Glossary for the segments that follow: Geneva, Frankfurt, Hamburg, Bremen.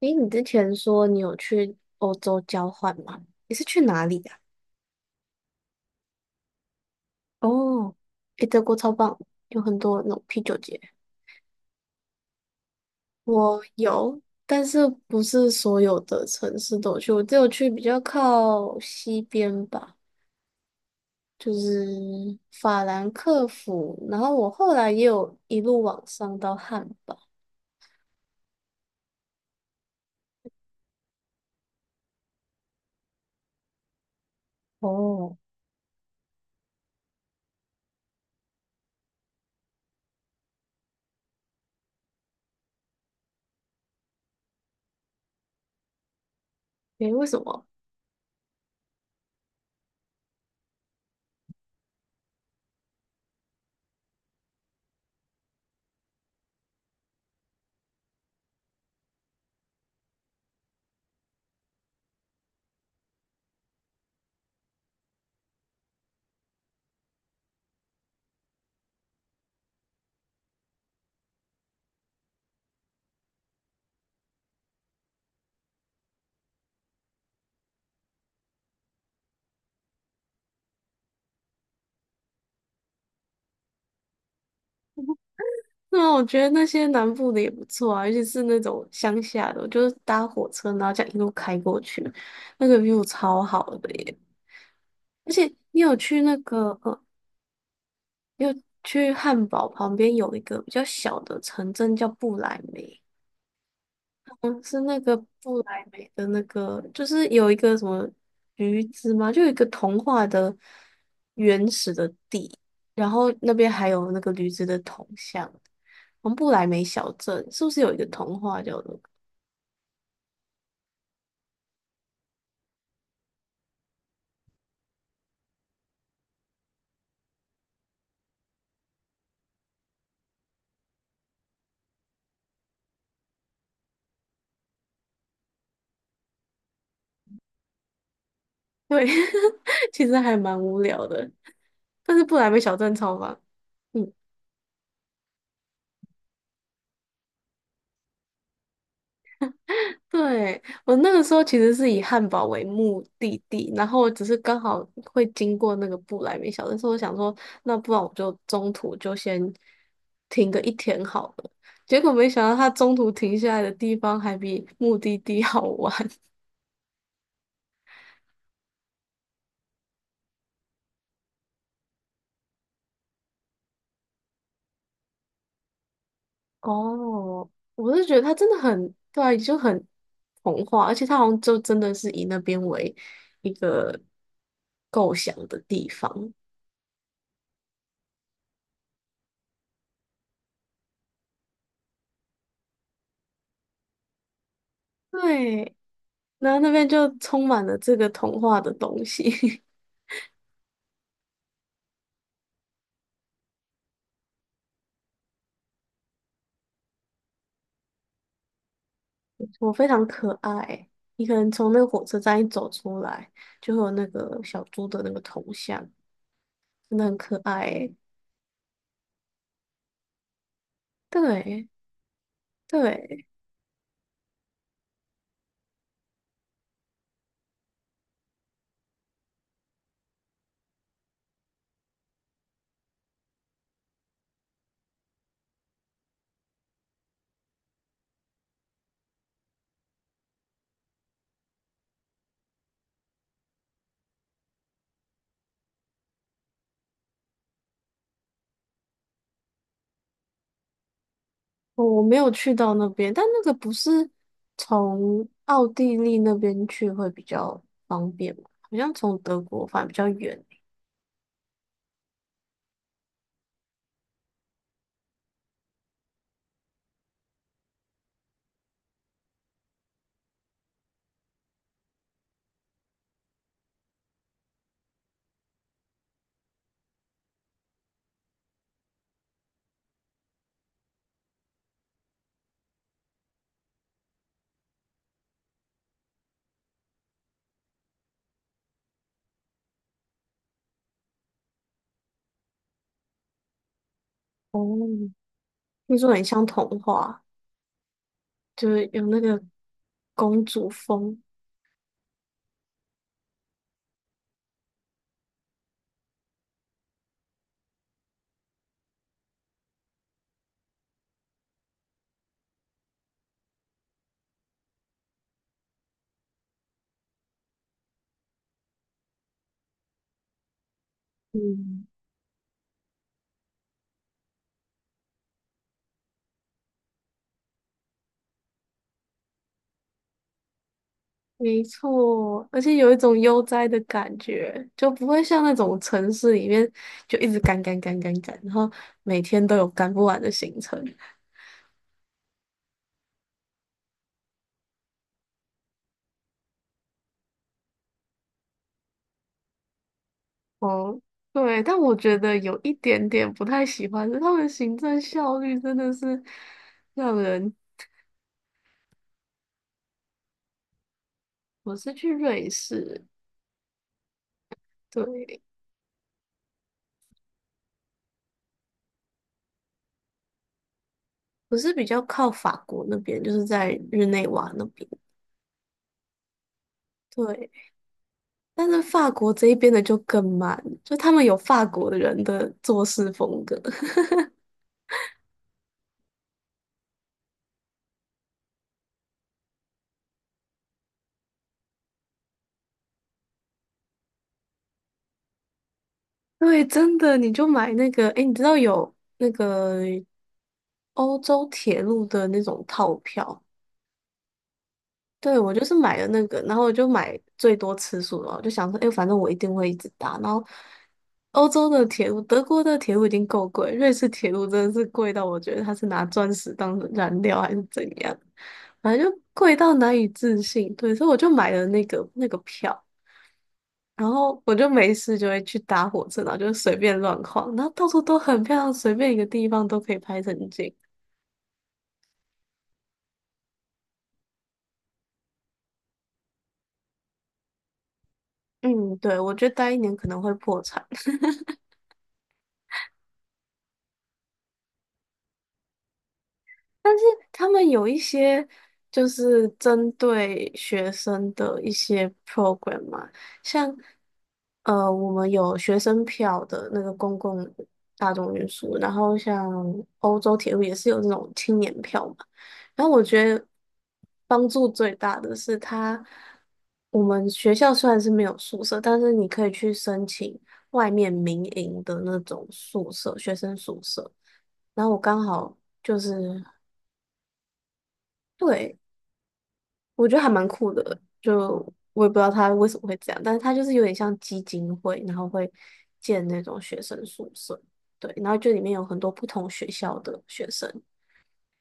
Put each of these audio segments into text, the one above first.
诶，你之前说你有去欧洲交换吗？你是去哪里呀、哦，诶，德国超棒，有很多那种啤酒节。我有，但是不是所有的城市都有去，我只有去比较靠西边吧，就是法兰克福。然后我后来也有一路往上到汉堡。哦，诶，为什么？那我觉得那些南部的也不错啊，尤其是那种乡下的，我就是搭火车，然后这样一路开过去，那个 view 超好的耶！而且你有去那个，呃，你有去汉堡旁边有一个比较小的城镇叫布莱梅，嗯，是那个布莱梅的那个，就是有一个什么驴子吗？就有一个童话的原始的地，然后那边还有那个驴子的铜像，我们布莱梅小镇是不是有一个童话叫做？对，其实还蛮无聊的，但是布莱梅小镇超棒。嗯对，我那个时候其实是以汉堡为目的地，然后只是刚好会经过那个布莱梅小镇，所以我想说，那不然我就中途就先停个一天好了。结果没想到它中途停下来的地方还比目的地 好玩。哦，我是觉得它真的很，对啊就很童话，而且它好像就真的是以那边为一个构想的地方。对，然后那边就充满了这个童话的东西，我非常可爱。你可能从那个火车站一走出来，就会有那个小猪的那个头像，真的很可爱欸对对，我没有去到那边，但那个不是从奥地利那边去会比较方便吗？好像从德国反而比较远欸哦，听说很像童话，就是有那个公主风。嗯。没错，而且有一种悠哉的感觉，就不会像那种城市里面就一直赶赶赶赶赶，然后每天都有赶不完的行程。哦，对，但我觉得有一点点不太喜欢的，他们行政效率真的是让人。我是去瑞士，对，我是比较靠法国那边，就是在日内瓦那边。对，但是法国这一边的就更慢，就他们有法国人的做事风格。对，真的，你就买那个，哎，你知道有那个欧洲铁路的那种套票，对，我就是买了那个，然后我就买最多次数了，我就想说，哎，反正我一定会一直搭。然后欧洲的铁路，德国的铁路已经够贵，瑞士铁路真的是贵到我觉得它是拿钻石当燃料还是怎样，反正就贵到难以置信。对，所以我就买了那个票。然后我就没事就会去搭火车，然后就随便乱晃，然后到处都很漂亮，随便一个地方都可以拍成景。嗯，对，我觉得待一年可能会破产。他们有一些就是针对学生的一些 program 嘛，像我们有学生票的那个公共大众运输，然后像欧洲铁路也是有这种青年票嘛。然后我觉得帮助最大的是它，我们学校虽然是没有宿舍，但是你可以去申请外面民营的那种宿舍，学生宿舍。然后我刚好就是。对。我觉得还蛮酷的，就我也不知道他为什么会这样，但是他就是有点像基金会，然后会建那种学生宿舍，对，然后就里面有很多不同学校的学生，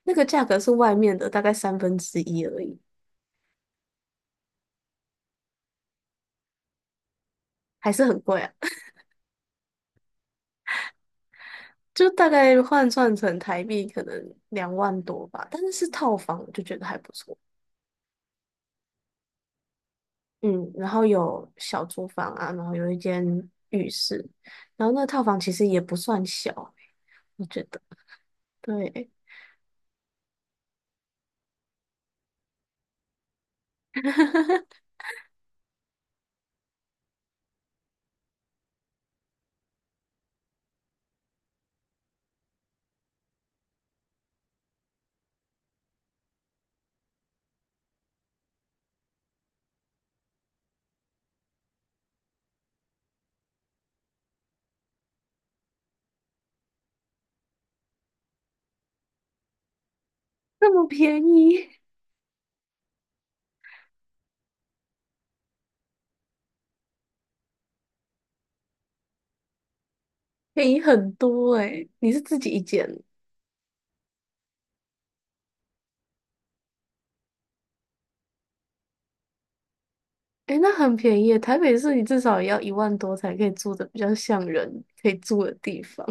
那个价格是外面的大概三分之一而已，还是很贵啊，就大概换算成台币可能2万多吧，但是是套房，我就觉得还不错，嗯，然后有小厨房啊，然后有一间浴室，然后那个套房其实也不算小，我觉得，对。那么便宜，便宜很多诶、你是自己一间，诶、那很便宜耶台北市你至少也要1万多才可以住的比较像人可以住的地方，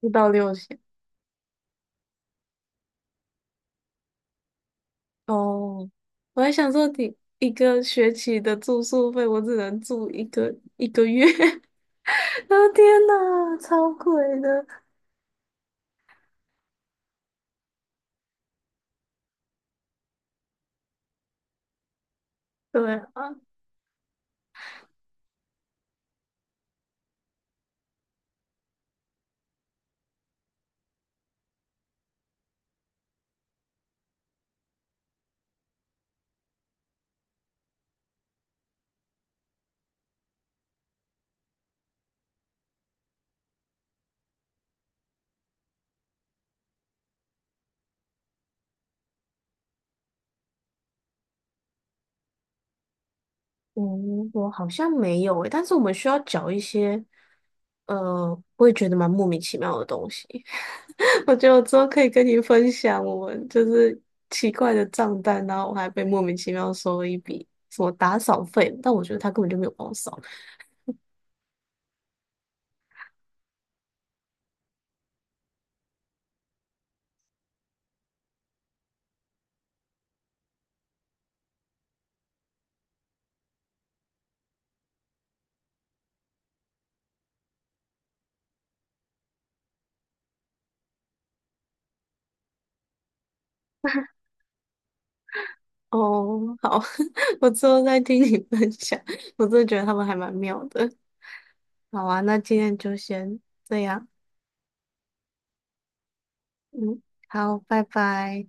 不到6000哦。我还想说你一个学期的住宿费，我只能住一个月。啊天呐，超贵的。对啊，嗯，我好像没有诶、但是我们需要缴一些，我也觉得蛮莫名其妙的东西。我觉得我之后可以跟你分享我们就是奇怪的账单，然后我还被莫名其妙收了一笔什么打扫费，但我觉得他根本就没有帮我扫。哦，好，我之后再听你分享。我真的觉得他们还蛮妙的。好啊，那今天就先这样。嗯，好，拜拜。